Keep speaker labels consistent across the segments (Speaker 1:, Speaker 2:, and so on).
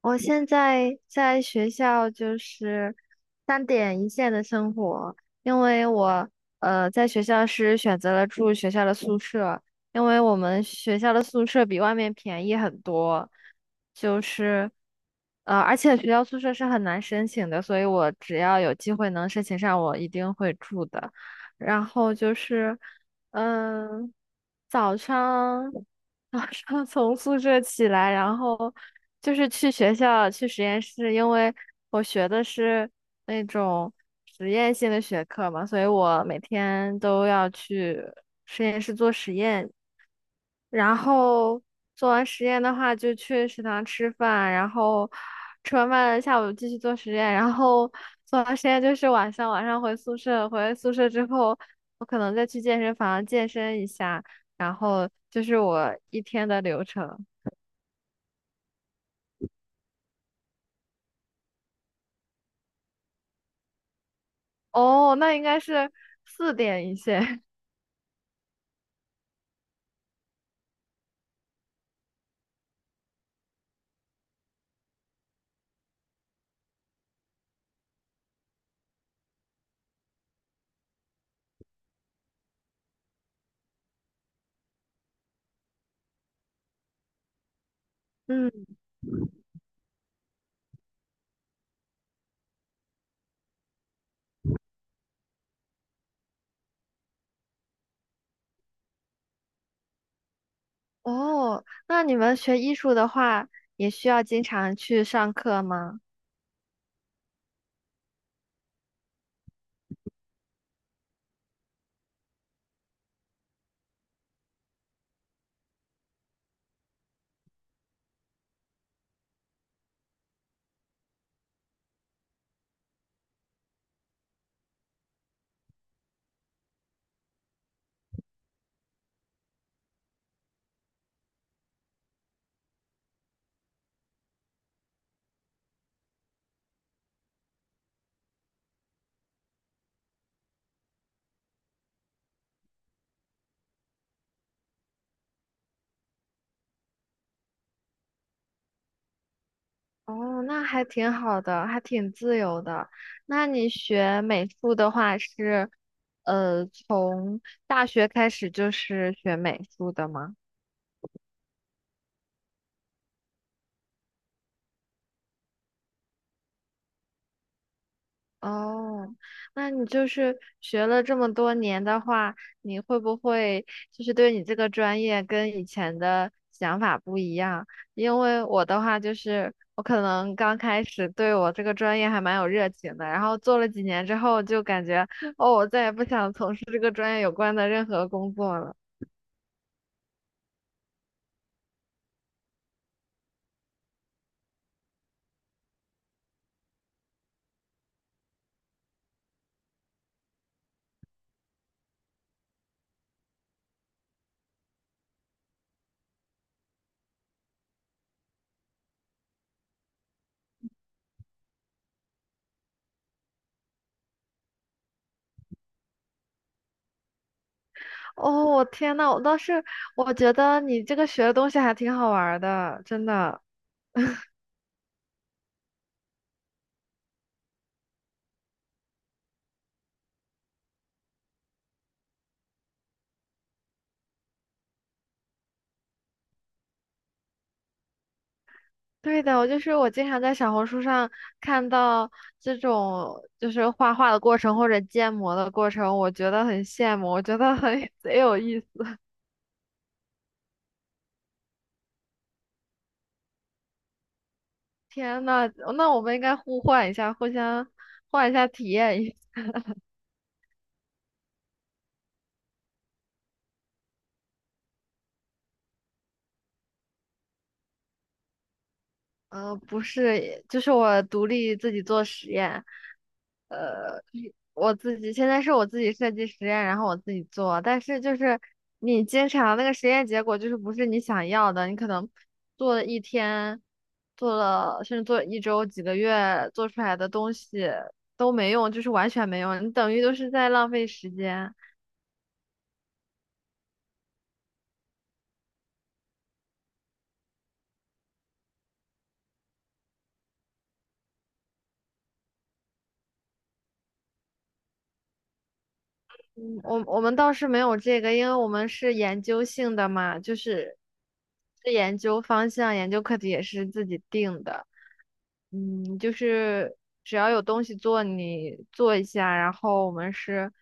Speaker 1: 我现在在学校就是三点一线的生活，因为我在学校是选择了住学校的宿舍，因为我们学校的宿舍比外面便宜很多，就是而且学校宿舍是很难申请的，所以我只要有机会能申请上，我一定会住的。然后就是嗯、早上。早上从宿舍起来，然后就是去学校去实验室，因为我学的是那种实验性的学科嘛，所以我每天都要去实验室做实验。然后做完实验的话，就去食堂吃饭，然后吃完饭下午继续做实验，然后做完实验就是晚上，晚上回宿舍，回宿舍之后，我可能再去健身房健身一下，然后就是我一天的流程。哦，那应该是四点一线。嗯，哦，那你们学艺术的话，也需要经常去上课吗？哦，那还挺好的，还挺自由的。那你学美术的话是，呃，从大学开始就是学美术的吗？哦，那你就是学了这么多年的话，你会不会就是对你这个专业跟以前的想法不一样？因为我的话就是，我可能刚开始对我这个专业还蛮有热情的，然后做了几年之后就感觉，哦，我再也不想从事这个专业有关的任何工作了。哦，我天呐，我倒是我觉得你这个学的东西还挺好玩儿的，真的。对的，我就是我经常在小红书上看到这种就是画画的过程或者建模的过程，我觉得很羡慕，我觉得很 贼有意思。天呐，那我们应该互换一下，互相换一下体验一下呃，不是，就是我独立自己做实验，呃，我自己现在是我自己设计实验，然后我自己做，但是就是你经常那个实验结果就是不是你想要的，你可能做了一天，做了甚至做一周、几个月，做出来的东西都没用，就是完全没用，你等于都是在浪费时间。我们倒是没有这个，因为我们是研究性的嘛，就是是研究方向、研究课题也是自己定的。嗯，就是只要有东西做，你做一下。然后我们是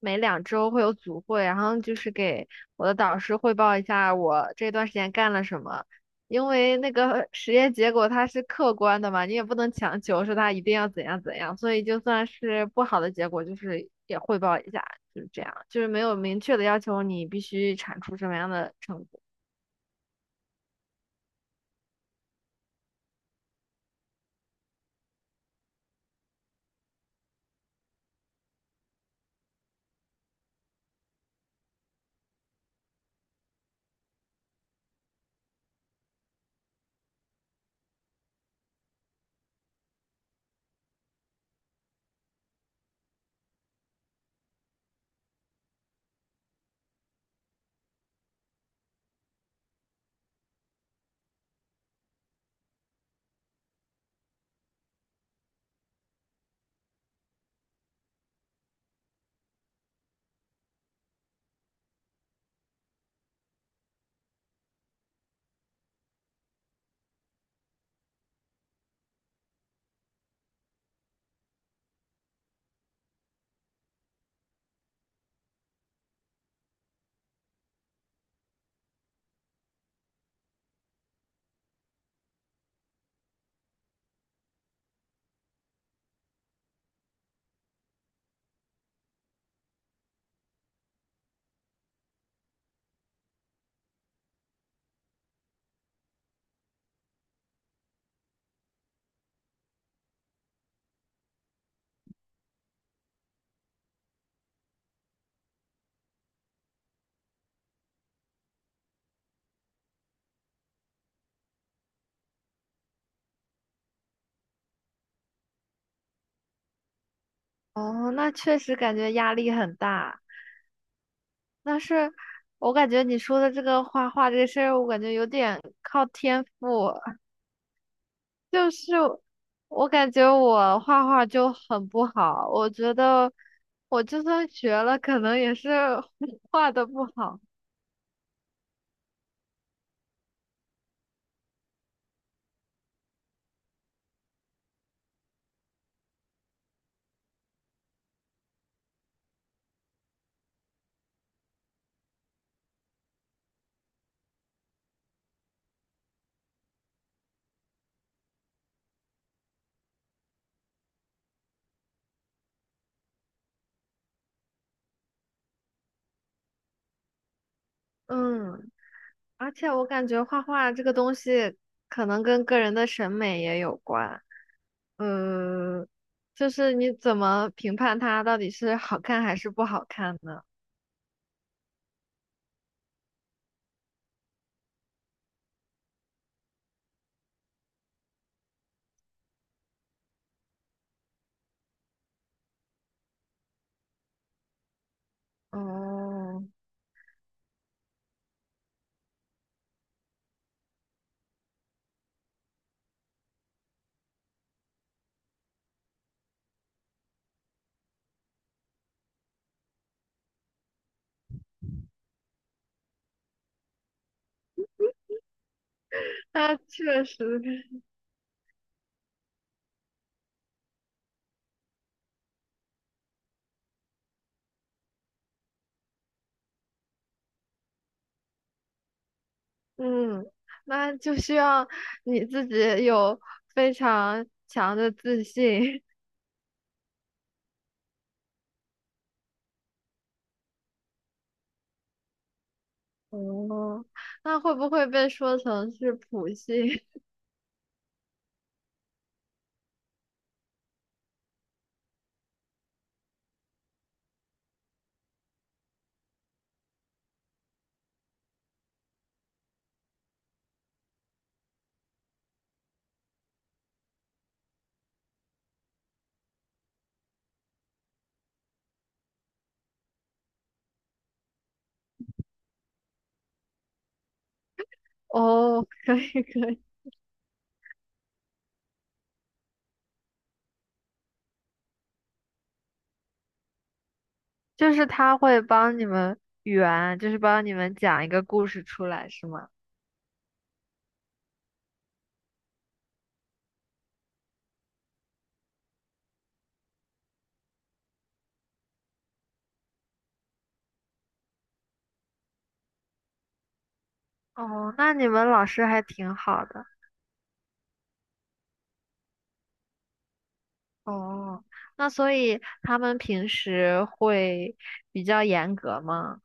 Speaker 1: 每2周会有组会，然后就是给我的导师汇报一下我这段时间干了什么。因为那个实验结果它是客观的嘛，你也不能强求说它一定要怎样怎样，所以就算是不好的结果，就是也汇报一下，就是这样，就是没有明确的要求你必须产出什么样的成果。哦，那确实感觉压力很大。但是我感觉你说的这个画画这个事儿，我感觉有点靠天赋。就是我感觉我画画就很不好，我觉得我就算学了，可能也是 画的不好。嗯，而且我感觉画画这个东西可能跟个人的审美也有关。嗯，就是你怎么评判它到底是好看还是不好看呢？哦，那确实。嗯，那就需要你自己有非常强的自信。哦，那会不会被说成是普信 哦，可以可以，就是他会帮你们圆，就是帮你们讲一个故事出来，是吗？哦，那你们老师还挺好的。哦，那所以他们平时会比较严格吗？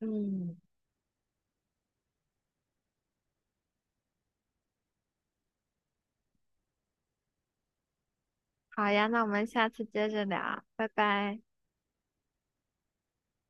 Speaker 1: 嗯，好呀，那我们下次接着聊，拜拜。